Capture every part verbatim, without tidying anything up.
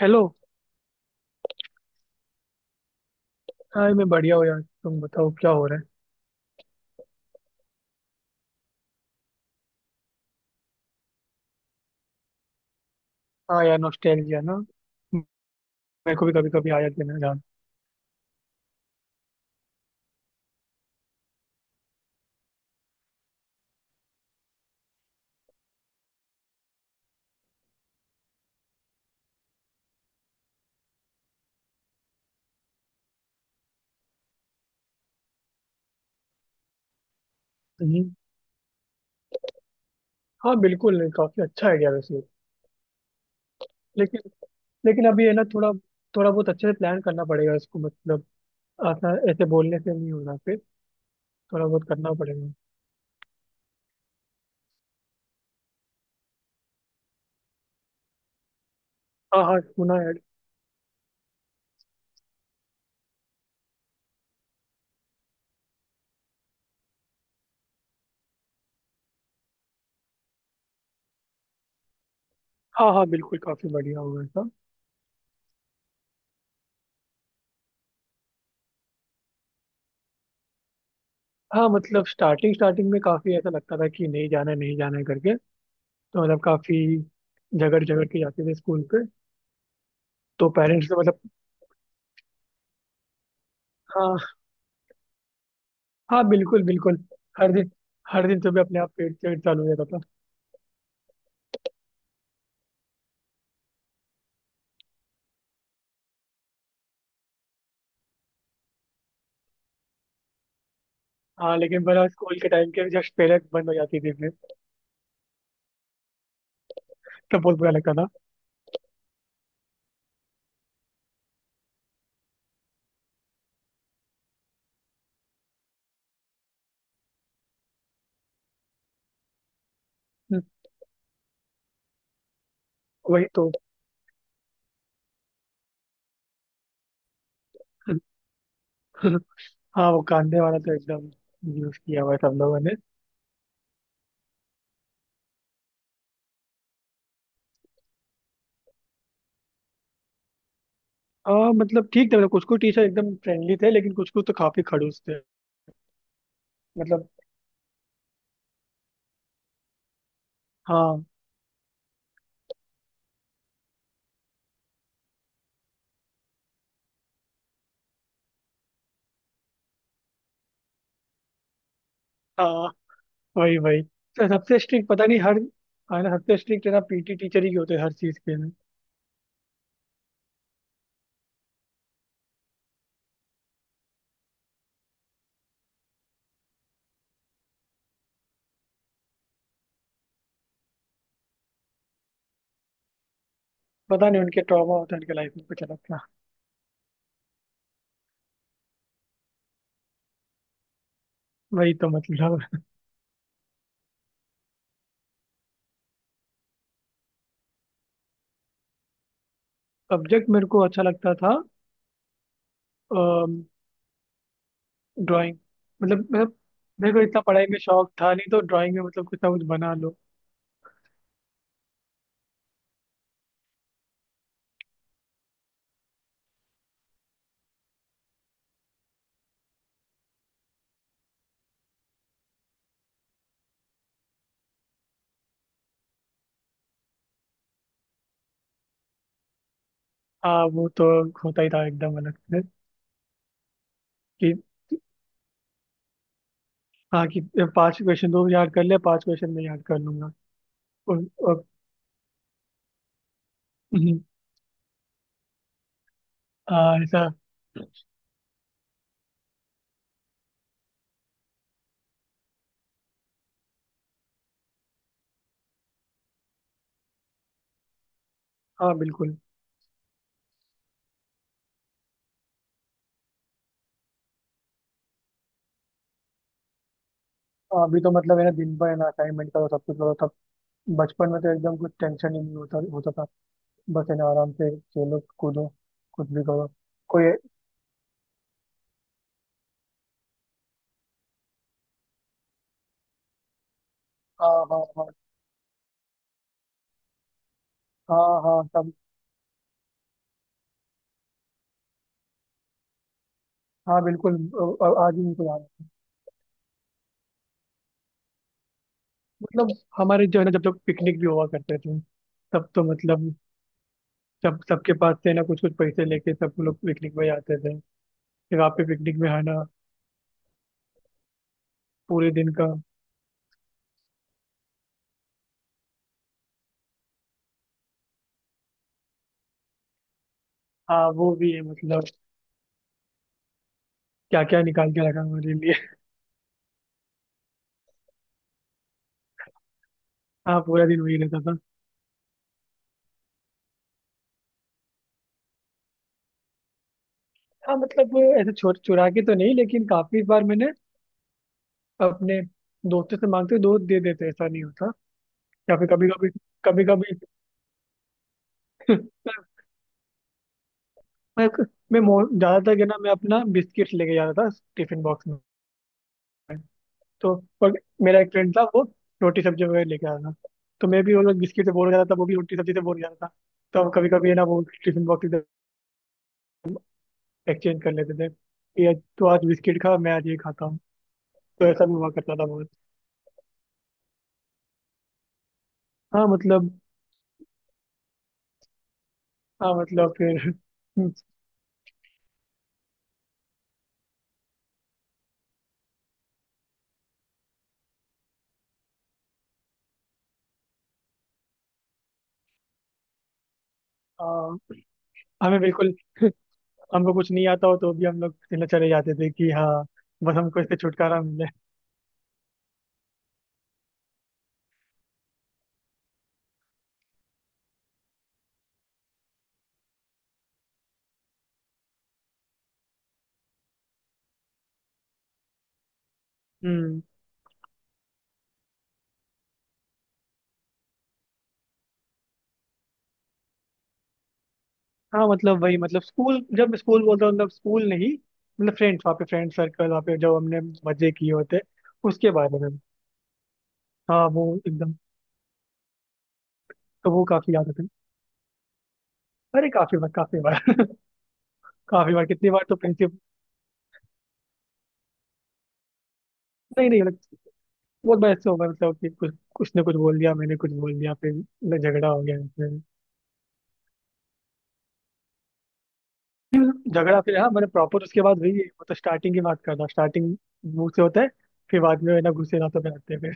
Hello. Hi, मैं बढ़िया हूँ यार। तुम बताओ क्या हो रहा है। हाँ यार, नॉस्टैल्जिया ना। मेरे को भी कभी कभी आ जाती है ना जान। हम्म, हाँ बिल्कुल, काफी अच्छा आइडिया वैसे। लेकिन लेकिन अभी है ना थोड़ा, थोड़ा बहुत अच्छे से प्लान करना पड़ेगा इसको। मतलब ऐसा, ऐसे बोलने से नहीं होगा फिर। थोड़ा बहुत करना पड़ेगा। हाँ हाँ, सुना है। हाँ हाँ बिल्कुल, काफी बढ़िया होगा ऐसा। हाँ मतलब स्टार्टिंग स्टार्टिंग में काफी ऐसा लगता था कि नहीं जाना है, नहीं जाना है करके। तो मतलब काफी झगड़ झगड़ के जाते थे स्कूल पे। तो पेरेंट्स ने मतलब। हाँ, हाँ बिल्कुल बिल्कुल। हर दिन, हर दिन सुबह अपने आप पेट पेट चालू हो जाता था। हाँ, लेकिन बड़ा स्कूल के टाइम के जस्ट पहले बंद हो जाती थी फिर। तब बहुत बुरा लगता था। हम्म, वही तो। हाँ वो कांदे वाला तो एकदम यूज किया हुआ है सब लोगों ने। हाँ मतलब ठीक था। मतलब कुछ कुछ टीचर एकदम फ्रेंडली थे लेकिन कुछ कुछ तो काफी खड़ूस थे। मतलब हाँ। हाँ, वही वही। तो सबसे स्ट्रिक्ट पता नहीं हर, हाँ ना, सबसे स्ट्रिक्ट है ना पीटी टीचर ही होते हैं हर चीज के लिए। पता नहीं, उनके ट्रॉमा होता है, उनके लाइफ में कुछ अलग था। वही तो मतलब। सब्जेक्ट मेरे को अच्छा लगता था ड्राइंग। मतलब मैं, मेरे को इतना पढ़ाई में शौक था नहीं, तो ड्राइंग में मतलब कुछ ना कुछ बना लो। हाँ वो तो होता ही था एकदम अलग से। कि हाँ, कि पांच क्वेश्चन दो याद कर ले, पांच क्वेश्चन मैं याद कर लूंगा। और, और। हम्म, हाँ, ऐसा। हाँ बिल्कुल। हाँ, अभी तो मतलब है ना दिन भर है ना, असाइनमेंट करो, सब कुछ करो तब। बचपन में तो एकदम कुछ टेंशन ही नहीं होता होता था। बस है ना आराम से खेलो कूदो, कुछ भी करो। कोई। हाँ हाँ हाँ। हाँ हाँ सब। हाँ बिल्कुल। अ- अ- आज ही मुझको याद है। मतलब हमारे जो है ना, जब जब पिकनिक भी हुआ करते थे, तब तो मतलब सब सबके पास से ना कुछ कुछ पैसे लेके सब लोग पिकनिक में जाते थे। फिर आप पे पिकनिक में है ना पूरे दिन का। हाँ वो भी है मतलब। क्या क्या निकाल के रखा हमारे लिए। हाँ पूरा दिन वही रहता था। हाँ मतलब ऐसे चोर चुरा के तो नहीं, लेकिन काफी बार मैंने अपने दोस्तों से मांगते हुए, दोस्त दे देते, ऐसा नहीं होता। या फिर कभी कभी, कभी कभी। मैं मैं मो- ज्यादातर क्या ना, मैं अपना बिस्किट लेके जाता था टिफिन बॉक्स में। तो और मेरा एक फ्रेंड था वो रोटी सब्जी वगैरह लेके आता था। तो मैं भी, वो लोग बिस्किट से बोर हो जाता था, वो भी रोटी सब्जी से बोर हो जाता था। तो हम कभी कभी है ना वो टिफिन बॉक्स इधर एक्सचेंज कर लेते थे कि आज तो, आज बिस्किट खा, मैं आज ये खाता हूँ। तो ऐसा भी हुआ करता था बहुत। हाँ मतलब, हाँ मतलब फिर। हाँ, हमें बिल्कुल, हमको कुछ नहीं आता हो तो भी हम लोग चले चले जाते थे कि हाँ, बस हमको इससे छुटकारा मिले। हम्म। हाँ मतलब वही, मतलब स्कूल, जब स्कूल बोलता हूँ मतलब स्कूल नहीं, मतलब फ्रेंड्स वहाँ पे, फ्रेंड सर्कल वहाँ पे जो हमने मजे किए होते उसके बारे में। हाँ वो एकदम, तो वो काफी याद आता है। अरे काफी बार, काफी बार। काफी बार, कितनी बार तो प्रिंसिपल, नहीं नहीं मतलब बहुत बार ऐसे होगा मतलब कि कुछ कुछ ने कुछ बोल दिया, मैंने कुछ बोल दिया, फिर मतलब झगड़ा हो गया इसमें। फिर झगड़ा, फिर हाँ मैंने प्रॉपर उसके बाद वही। मतलब स्टार्टिंग की बात कर रहा, स्टार्टिंग मुंह से होता है, फिर बाद में ना गुस्से रातों पे आते हैं।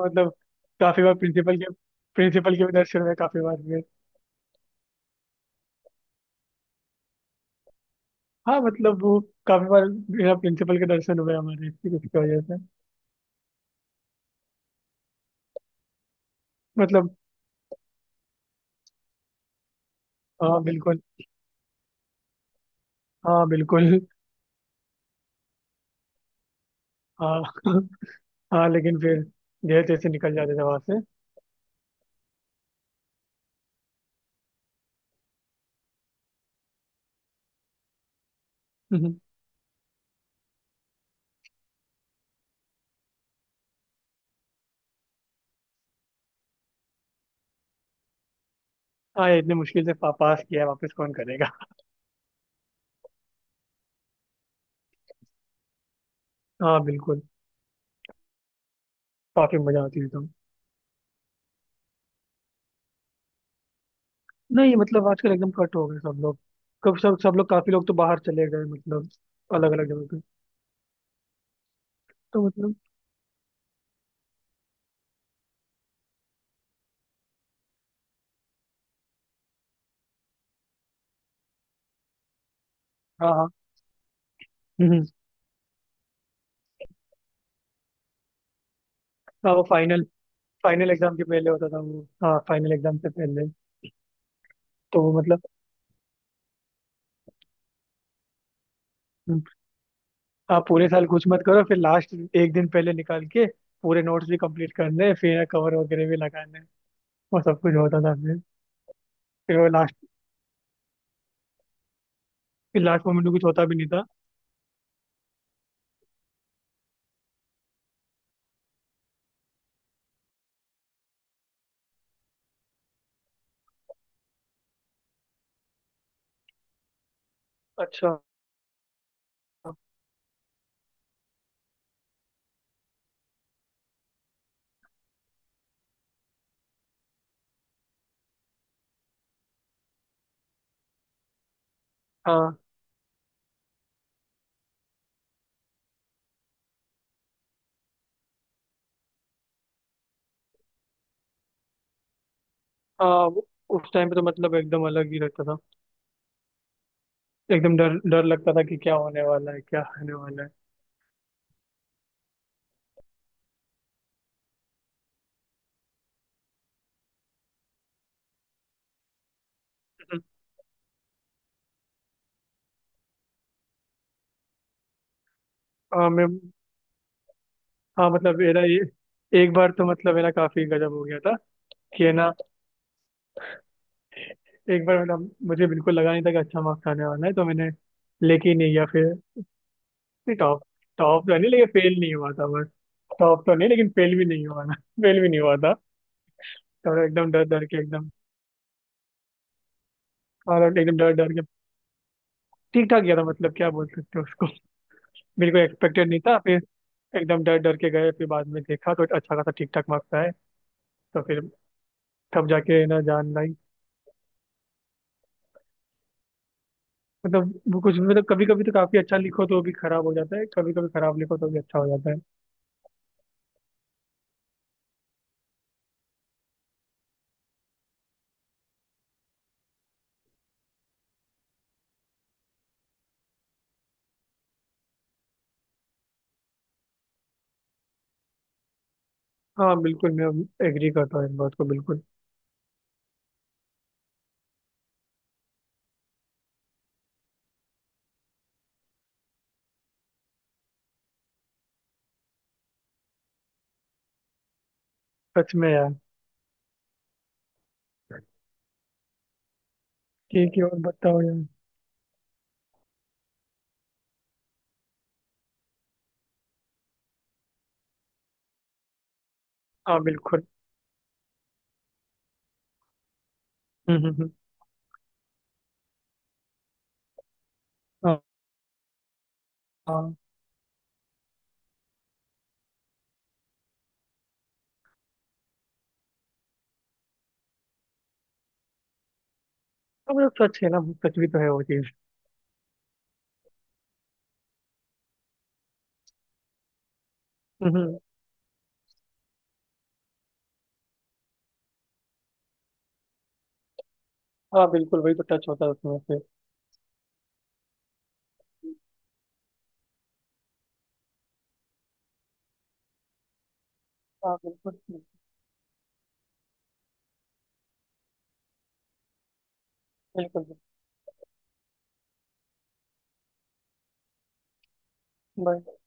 मतलब काफी बार प्रिंसिपल के, प्रिंसिपल के भी दर्शन हुए, काफी बार हुए। हाँ मतलब वो काफी बार बिना प्रिंसिपल के दर्शन हुए हमारे इसकी उसकी वजह से। मतलब हाँ बिल्कुल। हाँ बिल्कुल। हाँ। हाँ लेकिन फिर जैसे तैसे निकल जाते थे वहां से। हम्म, हाँ ये इतने मुश्किल से पा, पास किया है, वापस कौन करेगा। हाँ बिल्कुल। काफी मजा आती थी तो। नहीं मतलब आजकल एकदम कट हो गए सब लोग। कब सब सब लोग, काफी लोग तो बाहर चले गए मतलब, अलग अलग जगह पे। तो मतलब हाँ हाँ। हम्म, हाँ वो फाइनल, फाइनल एग्जाम के पहले होता था वो, हाँ फाइनल एग्जाम से पहले। तो वो मतलब, हम्म, आप पूरे साल कुछ मत करो, फिर लास्ट एक दिन पहले निकाल के पूरे नोट्स भी कंप्लीट करने हैं, फिर कवर वगैरह भी लगाने हैं। वो सब कुछ होता था फिर। फिर वो लास्ट, फिर लास्ट मोमेंट में कुछ होता भी नहीं था। अच्छा हाँ हाँ वो-, उस टाइम पे तो मतलब एकदम अलग ही रहता था। एकदम डर डर लगता था कि क्या होने वाला है, क्या होने वाला है। हम्म। हाँ मैं, हाँ मतलब मेरा ये, एक बार तो मतलब मेरा काफी गजब हो गया था कि है ना, एक बार मतलब मुझे बिल्कुल लगा नहीं था कि अच्छा मार्क्स आने वाला है, तो मैंने लेके ही नहीं गया फिर। नहीं टॉप, टॉप तो नहीं, लेकिन फेल नहीं हुआ था बस। टॉप तो नहीं, लेकिन फेल भी नहीं हुआ ना। फेल भी नहीं हुआ था। थोड़ा एकदम डर डर के, एकदम, और एकदम डर डर के ठीक ठाक गया था, मतलब क्या बोल सकते हो उसको। बिल्कुल एक्सपेक्टेड नहीं था, फिर एकदम डर डर के गए, फिर बाद में देखा तो अच्छा खासा ठीक ठाक मार्क्स आए। तो फिर तब जाके ना जान लाई। मतलब वो कुछ, मतलब कभी कभी तो काफी अच्छा लिखो तो भी खराब हो जाता है, कभी कभी खराब लिखो तो भी अच्छा हो जाता है। हाँ बिल्कुल, मैं एग्री करता हूँ इस बात को बिल्कुल। सच में यार। ठीक है, और बताओ यार। हाँ बिल्कुल। हम्म हम्म हम्म, हाँ हाँ, हाँ, मतलब सच है ना, सच भी तो है वो चीज। हम्म हम्म, हाँ बिल्कुल, वही तो टच होता है उसमें से। हाँ बिल्कुल, बिल्कुल। बाय।